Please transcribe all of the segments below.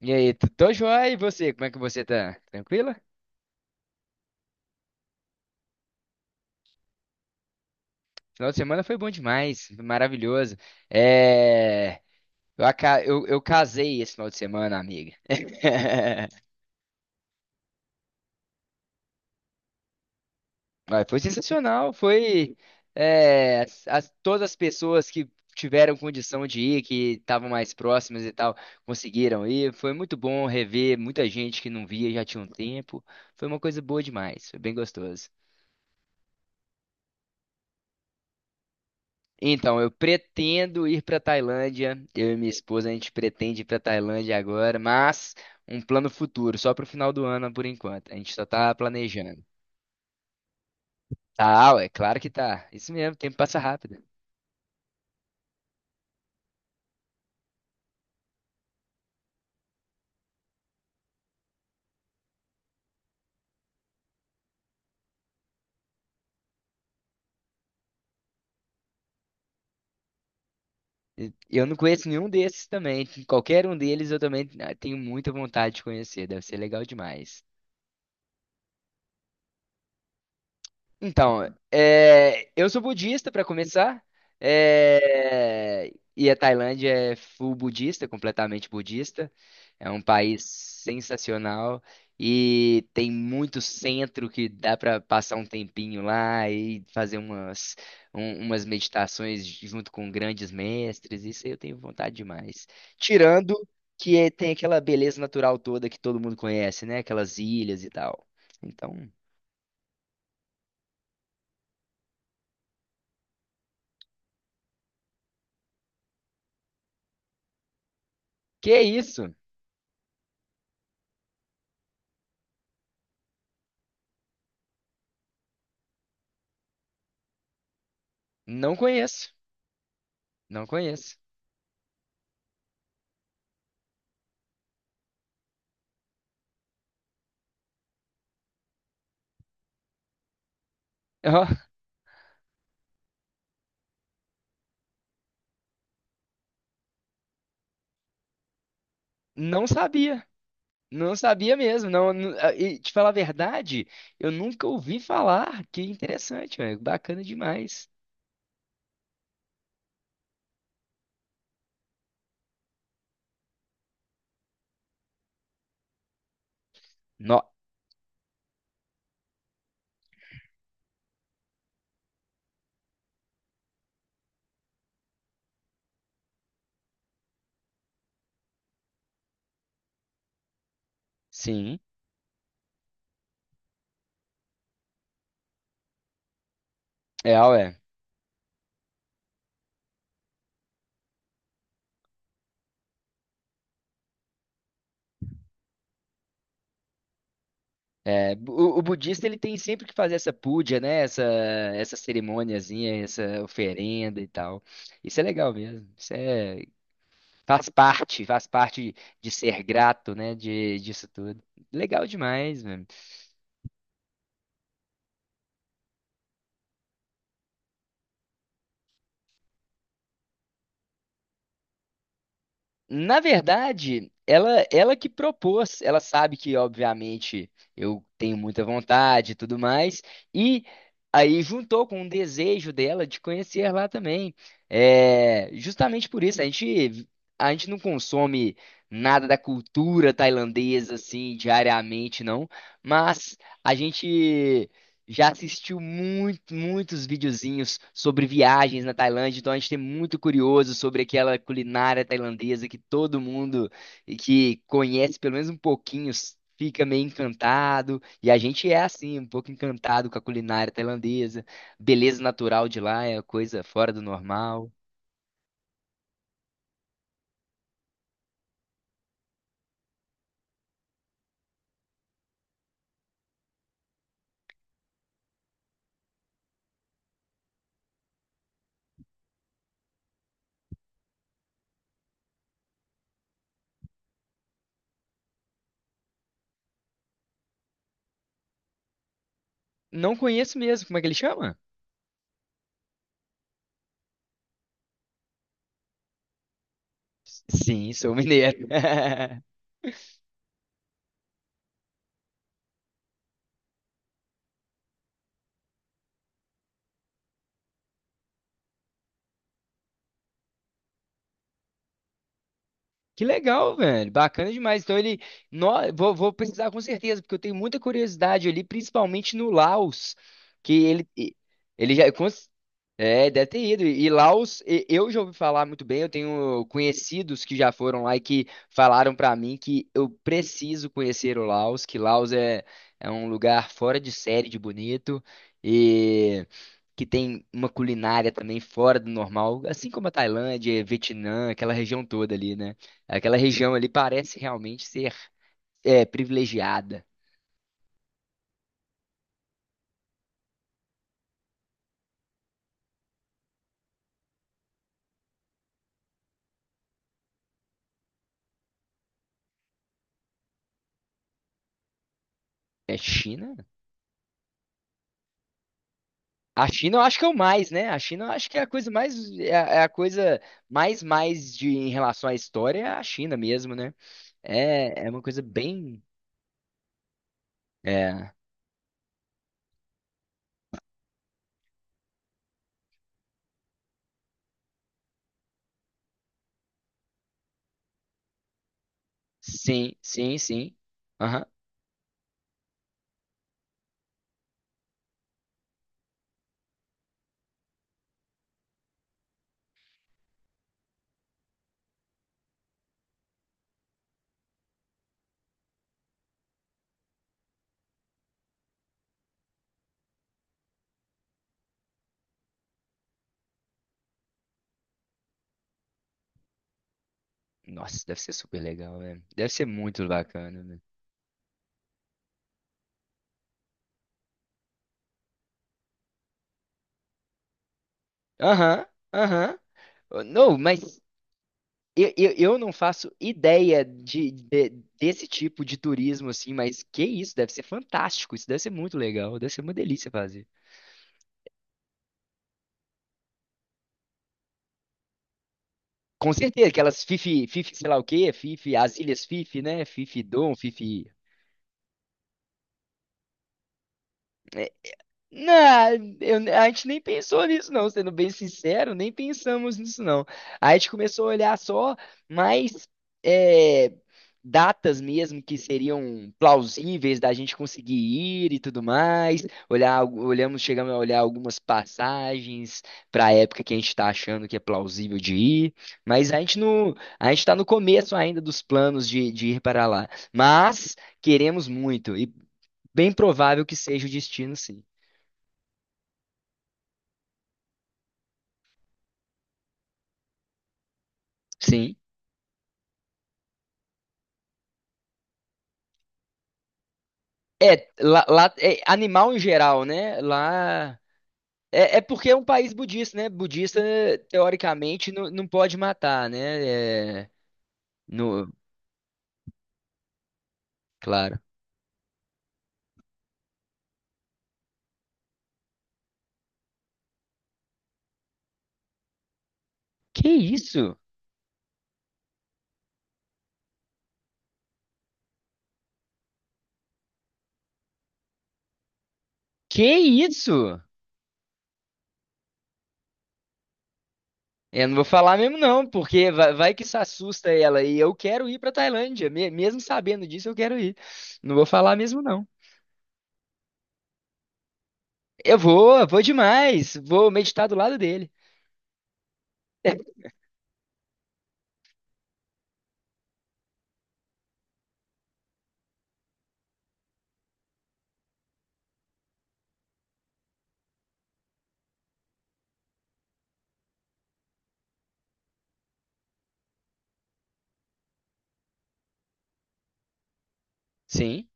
E aí, tô joia, e você? Como é que você tá? Tranquila? Final de semana foi bom demais, foi maravilhoso. É... eu casei esse final de semana, amiga. Mas foi sensacional, foi, todas as pessoas que tiveram condição de ir, que estavam mais próximas e tal, conseguiram ir. Foi muito bom rever muita gente que não via já tinha um tempo. Foi uma coisa boa demais, foi bem gostoso. Então, eu pretendo ir para Tailândia. Eu e minha esposa, a gente pretende ir para Tailândia agora, mas um plano futuro, só para o final do ano por enquanto. A gente só tá planejando. Tá, ué, claro que tá. Isso mesmo, o tempo passa rápido. Eu não conheço nenhum desses também. Qualquer um deles eu também tenho muita vontade de conhecer. Deve ser legal demais. Então, eu sou budista para começar, e a Tailândia é full budista, completamente budista. É um país sensacional e tem muito centro que dá para passar um tempinho lá e fazer umas meditações junto com grandes mestres. Isso aí eu tenho vontade demais. Tirando tem aquela beleza natural toda que todo mundo conhece, né? Aquelas ilhas e tal. Então, que é isso? Não conheço, não conheço. Ó, não sabia, não sabia mesmo. Não, e te falar a verdade, eu nunca ouvi falar. Que interessante, velho, bacana demais. Nó, sim, é, ué. É, o budista ele tem sempre que fazer essa puja, né? Essa cerimôniazinha, essa oferenda e tal. Isso é legal mesmo. Faz parte de ser grato, né? De, disso tudo. Legal demais, velho. Na verdade, ela que propôs. Ela sabe que, obviamente, eu tenho muita vontade e tudo mais. E aí juntou com um desejo dela de conhecer lá também. É, justamente por isso, a gente não consome nada da cultura tailandesa, assim, diariamente, não. Mas a gente. Já assistiu muito, muitos videozinhos sobre viagens na Tailândia, então a gente tem muito curioso sobre aquela culinária tailandesa que todo mundo que conhece pelo menos um pouquinho fica meio encantado, e a gente é assim, um pouco encantado com a culinária tailandesa. Beleza natural de lá é coisa fora do normal. Não conheço mesmo, como é que ele chama? Sim, sou mineiro. Que legal, velho. Bacana demais. Então ele. No... vou precisar com certeza, porque eu tenho muita curiosidade ali, principalmente no Laos. Que ele. E- Ele já. Com- É, deve ter ido. E Laos, eu já ouvi falar muito bem. Eu tenho conhecidos que já foram lá e que falaram pra mim que eu preciso conhecer o Laos, que Laos é, é um lugar fora de série de bonito. E. que tem uma culinária também fora do normal, assim como a Tailândia, Vietnã, aquela região toda ali, né? Aquela região ali parece realmente ser privilegiada. É China? A China eu acho que é o mais, né? A China eu acho que é a coisa mais, é a coisa mais de em relação à história é a China mesmo, né? É, é uma coisa bem, é, sim, sim, sim. Aham. Nossa, deve ser super legal, velho. Deve ser muito bacana, velho. Aham, aham. Não, mas eu não faço ideia desse tipo de turismo assim, mas que isso, deve ser fantástico, isso deve ser muito legal, deve ser uma delícia fazer. Com certeza, aquelas Fifi, Fifi, sei lá o quê, Fifi, as Ilhas Fifi, né? Fifi Dom, Fifi. Não, a gente nem pensou nisso, não, sendo bem sincero, nem pensamos nisso, não. A gente começou a olhar só mais é, datas mesmo que seriam plausíveis da gente conseguir ir e tudo mais. Olhamos, chegamos a olhar algumas passagens para a época que a gente está achando que é plausível de ir, mas a gente está no começo ainda dos planos de ir para lá. Mas queremos muito e bem provável que seja o destino, sim. Sim. É, é, animal em geral, né? Lá. É, é porque é um país budista, né? Budista, teoricamente, não pode matar, né? É, no, claro. Que isso? Que isso? Eu não vou falar mesmo, não, porque vai que isso assusta ela. E eu quero ir pra Tailândia. Mesmo sabendo disso, eu quero ir. Não vou falar mesmo, não. Eu vou, vou demais. Vou meditar do lado dele. Sim.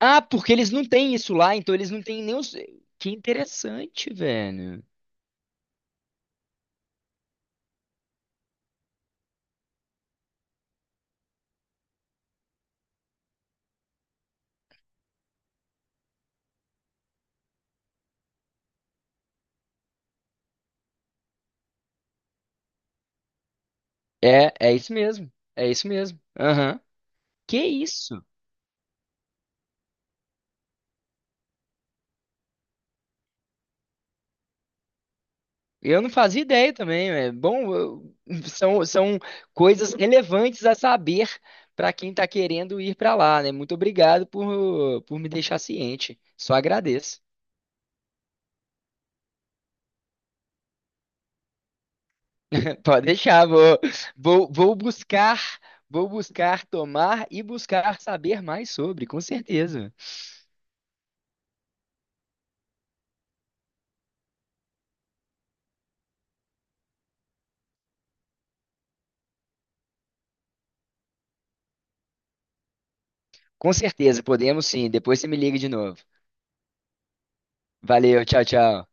Ah, porque eles não têm isso lá, então eles não têm nem os. Que interessante, velho. É, é isso mesmo. É isso mesmo. Aham. Que isso? Eu não fazia ideia também. É bom, são, são coisas relevantes a saber para quem está querendo ir para lá, né? Muito obrigado por me deixar ciente. Só agradeço. Pode deixar, vou, vou buscar, vou buscar tomar e buscar saber mais sobre, com certeza. Com certeza, podemos sim. Depois você me liga de novo. Valeu, tchau, tchau.